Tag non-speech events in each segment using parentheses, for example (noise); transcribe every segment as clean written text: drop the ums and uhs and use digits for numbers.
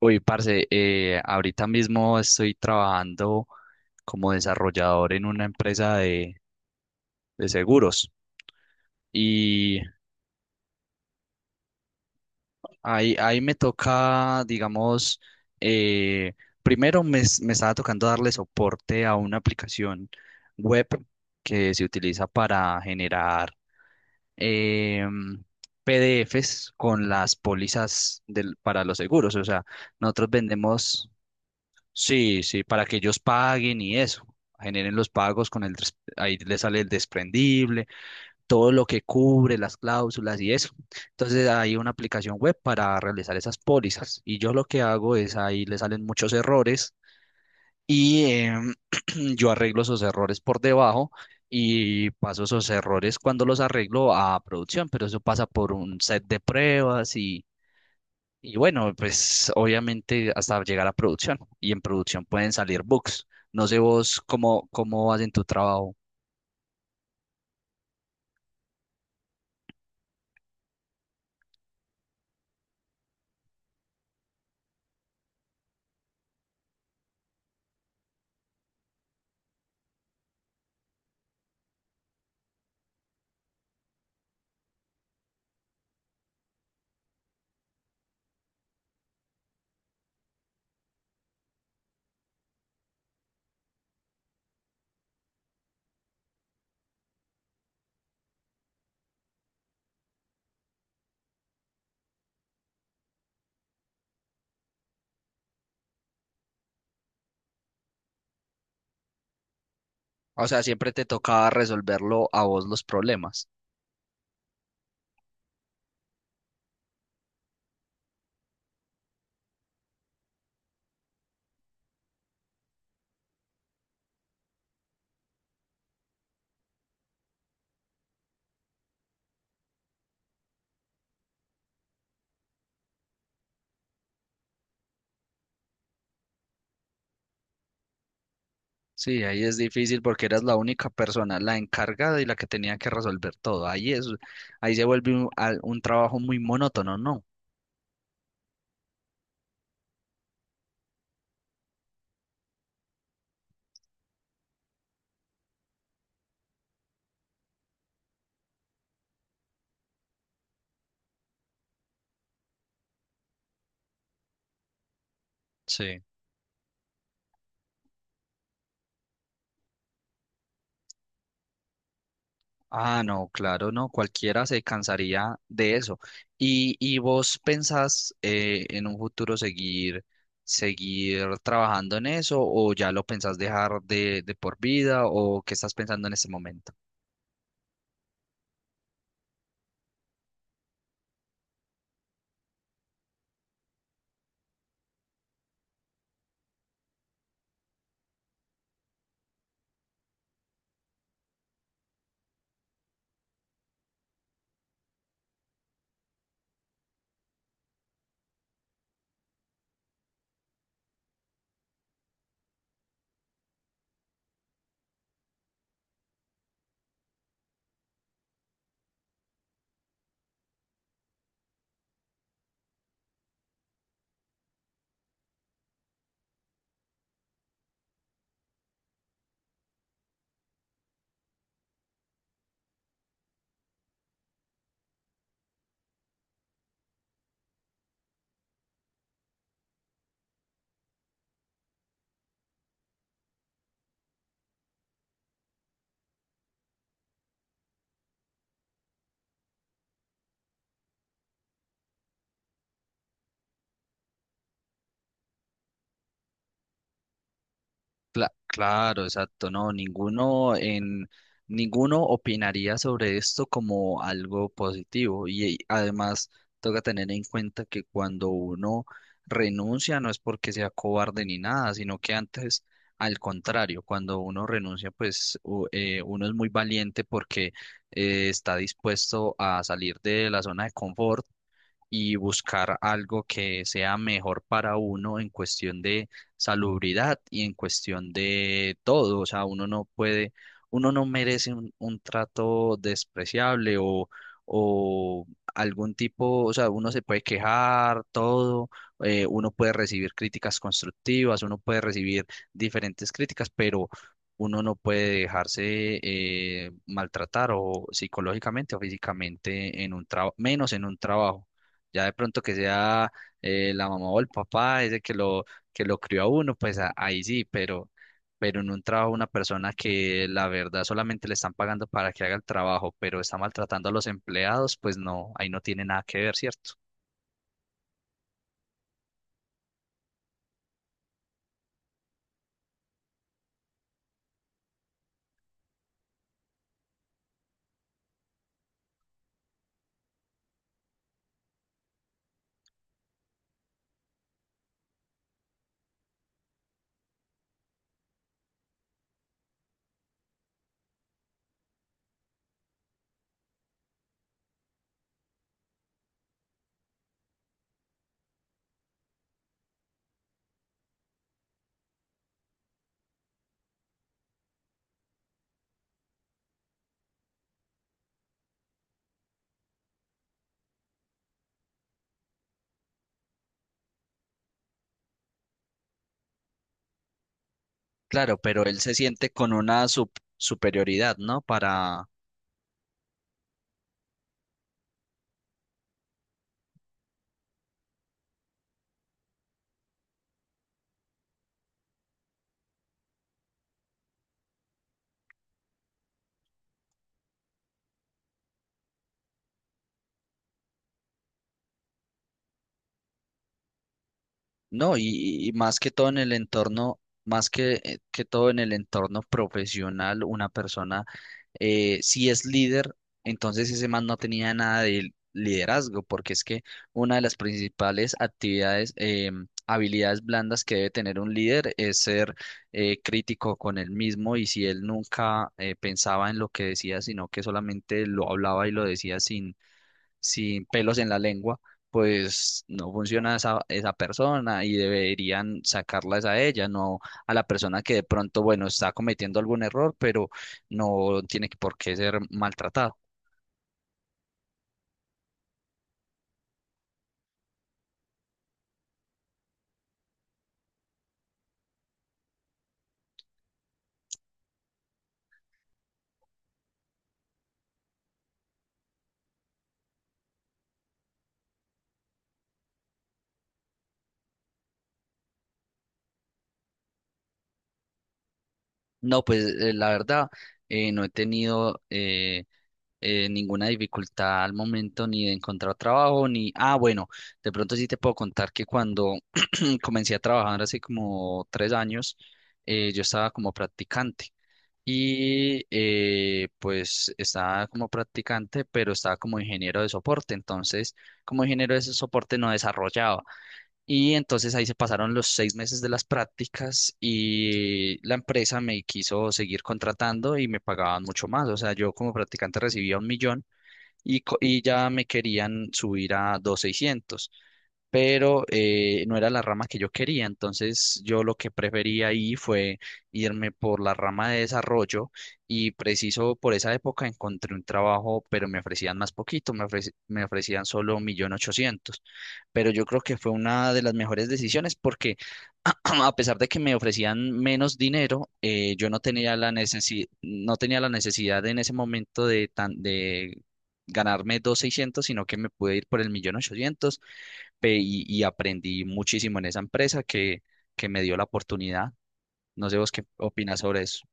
Ahorita mismo estoy trabajando como desarrollador en una empresa de seguros y ahí me toca, digamos, eh, primero me estaba tocando darle soporte a una aplicación web que se utiliza para generar em, PDFs con las pólizas para los seguros. O sea, nosotros vendemos. Sí, sí, para que ellos paguen y eso, generen los pagos con ahí le sale el desprendible, todo lo que cubre, las cláusulas y eso. Entonces hay una aplicación web para realizar esas pólizas y yo lo que hago es ahí le salen muchos errores y (clears throat) yo arreglo esos errores por debajo y paso esos errores cuando los arreglo a producción, pero eso pasa por un set de pruebas y bueno, pues obviamente hasta llegar a producción. Y en producción pueden salir bugs. No sé vos cómo vas en tu trabajo. O sea, siempre te tocaba resolverlo a vos los problemas. Sí, ahí es difícil porque eras la única persona, la encargada y la que tenía que resolver todo. Ahí se vuelve un trabajo muy monótono, ¿no? Sí. Ah, no, claro, no, cualquiera se cansaría de eso. ¿Y vos pensás en un futuro seguir trabajando en eso o ya lo pensás dejar de por vida o qué estás pensando en este momento? Cla- claro, exacto, no, ninguno en ninguno opinaría sobre esto como algo positivo y además toca tener en cuenta que cuando uno renuncia no es porque sea cobarde ni nada, sino que antes al contrario, cuando uno renuncia pues uno es muy valiente porque está dispuesto a salir de la zona de confort y buscar algo que sea mejor para uno en cuestión de salubridad y en cuestión de todo. O sea, uno no puede, uno no merece un trato despreciable o algún tipo. O sea, uno se puede quejar, todo, uno puede recibir críticas constructivas, uno puede recibir diferentes críticas, pero uno no puede dejarse maltratar o psicológicamente o físicamente en un trabajo, menos en un trabajo. Ya de pronto que sea la mamá o el papá, ese que lo crió a uno, pues a- ahí sí, pero en un trabajo una persona que la verdad solamente le están pagando para que haga el trabajo, pero está maltratando a los empleados, pues no, ahí no tiene nada que ver, ¿cierto? Claro, pero él se siente con una sup- superioridad, ¿no? Para, no, y más que todo en el entorno, más que que todo en el entorno profesional, una persona, si es líder, entonces ese man no tenía nada de liderazgo, porque es que una de las principales actividades, habilidades blandas que debe tener un líder es ser crítico con él mismo, y si él nunca pensaba en lo que decía, sino que solamente lo hablaba y lo decía sin pelos en la lengua, pues no funciona esa persona y deberían sacarlas a ella, no a la persona que de pronto, bueno, está cometiendo algún error, pero no tiene que- por qué ser maltratado. No, pues la verdad, no he tenido ninguna dificultad al momento ni de encontrar trabajo, ni, ah, bueno, de pronto sí te puedo contar que cuando (clears throat) comencé a trabajar hace como 3 años, yo estaba como practicante. Y pues estaba como practicante, pero estaba como ingeniero de soporte. Entonces, como ingeniero de ese soporte no desarrollaba. Y entonces ahí se pasaron los 6 meses de las prácticas y la empresa me quiso seguir contratando y me pagaban mucho más. O sea, yo como practicante recibía 1.000.000 y ya me querían subir a dos mil seiscientos, pero no era la rama que yo quería. Entonces yo lo que prefería ahí fue irme por la rama de desarrollo y preciso por esa época encontré un trabajo, pero me ofrecían más poquito, me ofrecían solo 1.800.000, pero yo creo que fue una de las mejores decisiones porque (clears throat) a pesar de que me ofrecían menos dinero, yo no tenía la no tenía la necesidad en ese momento de tan de ganarme dos mil seiscientos, sino que me pude ir por el 1.800.000. Ve, y aprendí muchísimo en esa empresa que me dio la oportunidad. No sé vos qué opinas sobre eso.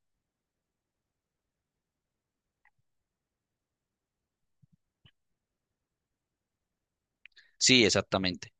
Sí, exactamente.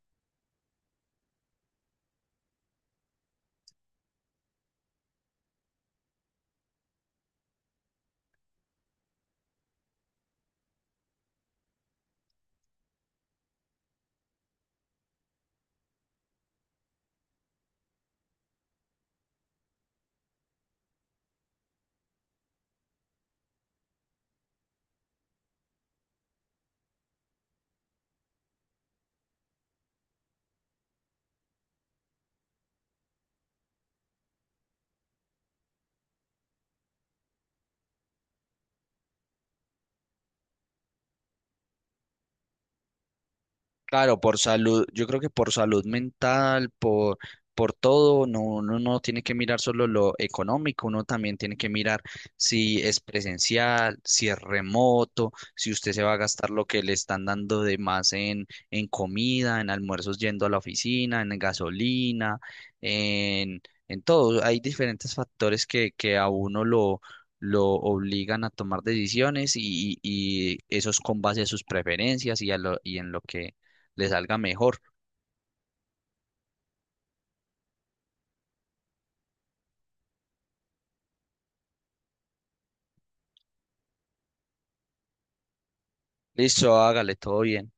Claro, por salud, yo creo que por salud mental, por todo, no, uno no tiene que mirar solo lo económico, uno también tiene que mirar si es presencial, si es remoto, si usted se va a gastar lo que le están dando de más en comida, en almuerzos yendo a la oficina, en gasolina, en, en todo. Hay diferentes factores que a uno lo obligan a tomar decisiones y eso es con base a sus preferencias y en lo que le salga mejor. Listo, hágale todo bien.